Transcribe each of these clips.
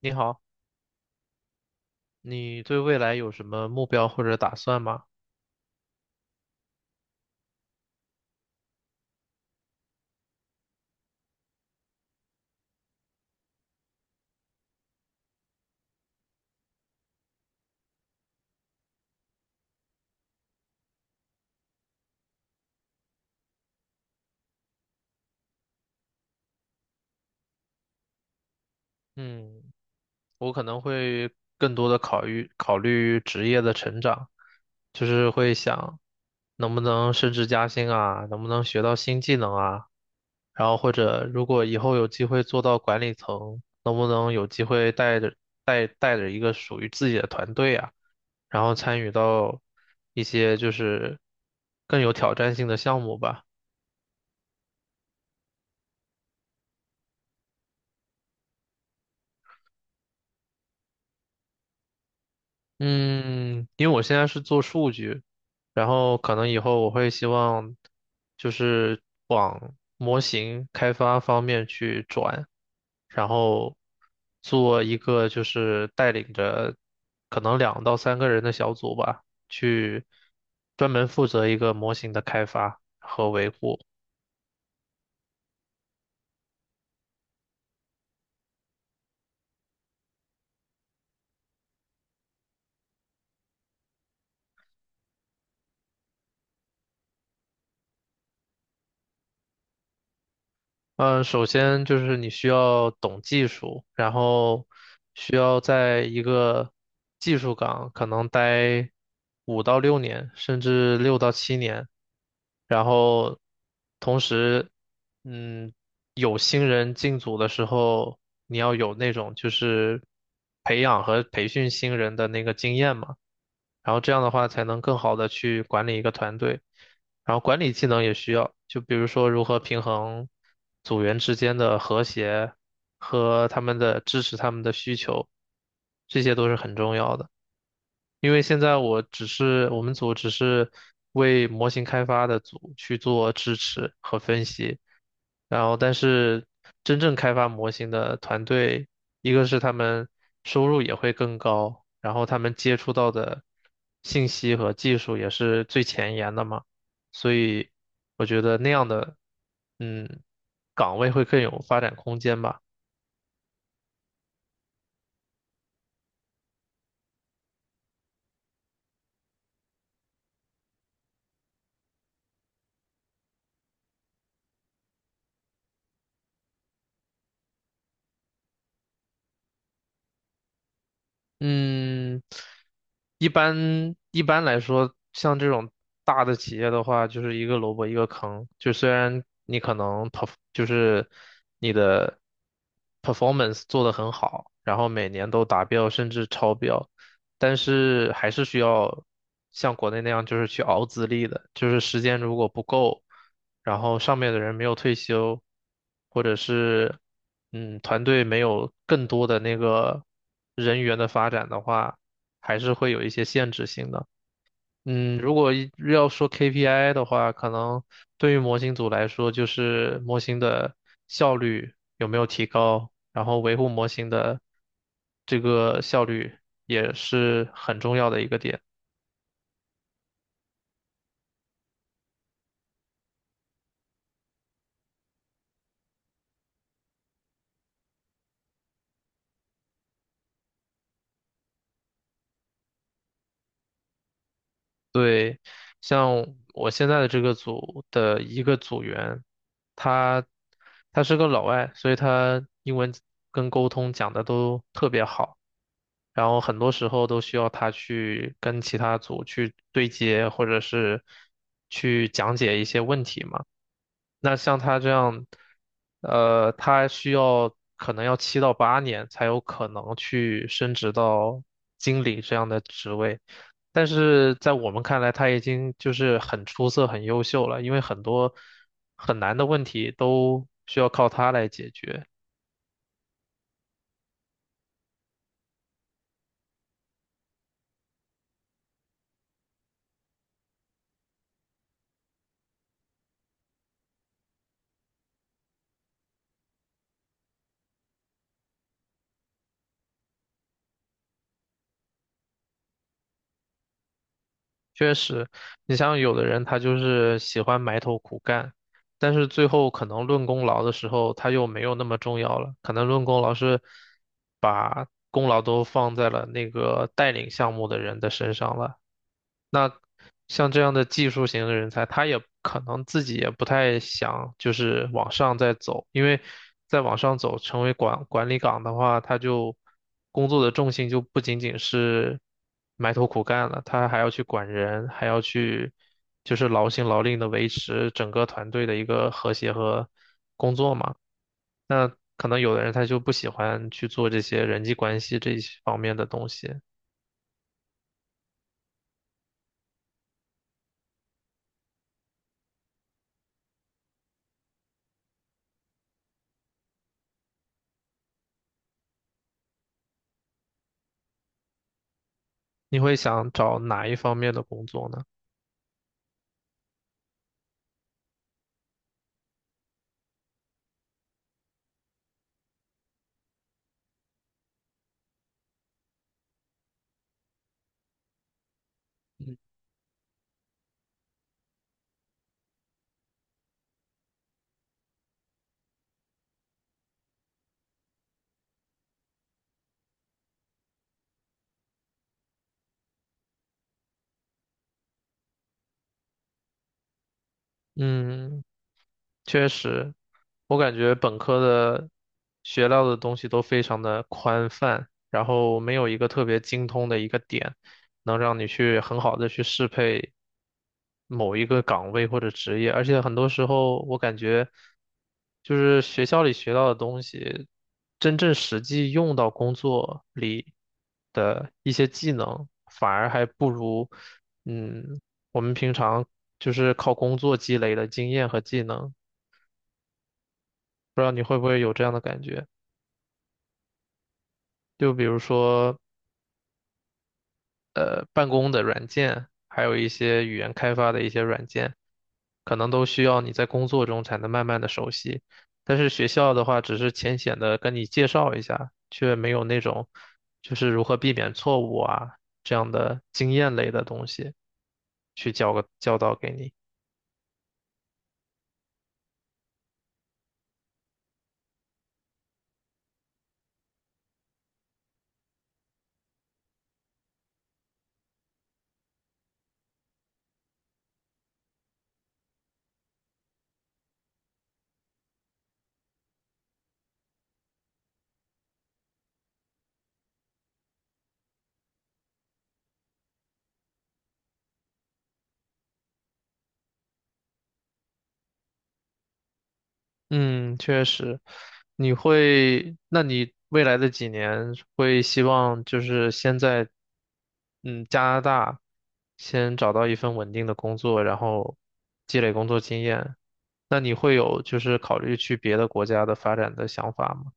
你好，你对未来有什么目标或者打算吗？嗯，我可能会更多的考虑考虑职业的成长，就是会想能不能升职加薪啊，能不能学到新技能啊，然后或者如果以后有机会做到管理层，能不能有机会带着一个属于自己的团队啊，然后参与到一些就是更有挑战性的项目吧。嗯，因为我现在是做数据，然后可能以后我会希望就是往模型开发方面去转，然后做一个就是带领着可能两到三个人的小组吧，去专门负责一个模型的开发和维护。嗯，首先就是你需要懂技术，然后需要在一个技术岗可能待5到6年，甚至6到7年，然后同时，嗯，有新人进组的时候，你要有那种就是培养和培训新人的那个经验嘛。然后这样的话才能更好的去管理一个团队，然后管理技能也需要，就比如说如何平衡组员之间的和谐和他们的支持他们的需求，这些都是很重要的。因为现在我们组只是为模型开发的组去做支持和分析，然后但是真正开发模型的团队，一个是他们收入也会更高，然后他们接触到的信息和技术也是最前沿的嘛，所以我觉得那样的嗯岗位会更有发展空间吧。嗯，一般来说，像这种大的企业的话，就是一个萝卜一个坑。就虽然你可能 p e r 就是你的 performance 做得很好，然后每年都达标甚至超标，但是还是需要像国内那样就是去熬资历的，就是时间如果不够。然后上面的人没有退休，或者是团队没有更多的那个人员的发展的话，还是会有一些限制性的。嗯，如果一要说 KPI 的话，可能对于模型组来说，就是模型的效率有没有提高，然后维护模型的这个效率也是很重要的一个点。对，像我现在的这个组的一个组员，他他是个老外，所以他英文跟沟通讲的都特别好，然后很多时候都需要他去跟其他组去对接，或者是去讲解一些问题嘛。那像他这样，他需要可能要7到8年才有可能去升职到经理这样的职位，但是在我们看来，他已经就是很出色、很优秀了，因为很多很难的问题都需要靠他来解决。确实，你像有的人他就是喜欢埋头苦干，但是最后可能论功劳的时候他又没有那么重要了，可能论功劳是把功劳都放在了那个带领项目的人的身上了。那像这样的技术型的人才，他也可能自己也不太想就是往上再走，因为再往上走成为管理岗的话，他就工作的重心就不仅仅是埋头苦干了，他还要去管人，还要去就是劳心劳力的维持整个团队的一个和谐和工作嘛。那可能有的人他就不喜欢去做这些人际关系这一方面的东西。你会想找哪一方面的工作呢？嗯，嗯确实，我感觉本科的学到的东西都非常的宽泛，然后没有一个特别精通的一个点，能让你去很好的去适配某一个岗位或者职业，而且很多时候我感觉，就是学校里学到的东西，真正实际用到工作里的一些技能，反而还不如，嗯，我们平常就是靠工作积累的经验和技能。不知道你会不会有这样的感觉？就比如说，办公的软件，还有一些语言开发的一些软件，可能都需要你在工作中才能慢慢的熟悉。但是学校的话，只是浅显的跟你介绍一下，却没有那种就是如何避免错误啊这样的经验类的东西去教导给你。嗯，确实，那你未来的几年会希望就是先在，加拿大先找到一份稳定的工作，然后积累工作经验。那你会有就是考虑去别的国家的发展的想法吗？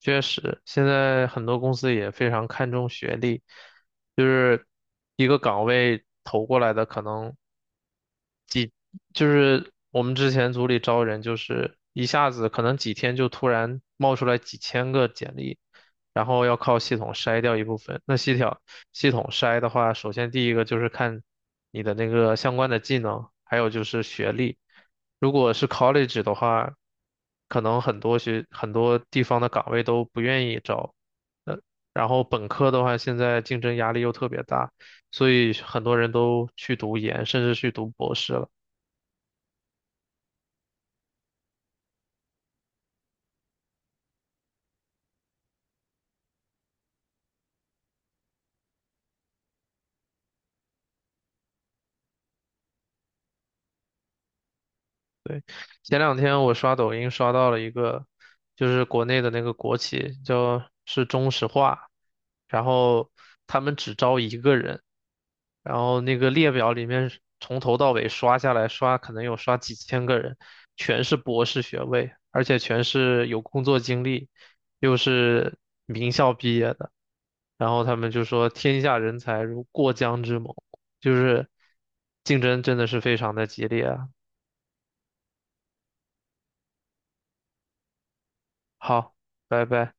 确实，现在很多公司也非常看重学历，就是一个岗位投过来的可能。就是我们之前组里招人，就是一下子可能几天就突然冒出来几千个简历，然后要靠系统筛掉一部分。那系统筛的话，首先第一个就是看你的那个相关的技能，还有就是学历。如果是 college 的话，可能很多地方的岗位都不愿意招。呃，然后本科的话，现在竞争压力又特别大，所以很多人都去读研，甚至去读博士了。前两天我刷抖音刷到了一个，就是国内的那个国企，叫是中石化，然后他们只招一个人，然后那个列表里面是从头到尾刷下来刷，可能有刷几千个人，全是博士学位，而且全是有工作经历，又是名校毕业的，然后他们就说天下人才如过江之猛，就是竞争真的是非常的激烈啊。好，拜拜。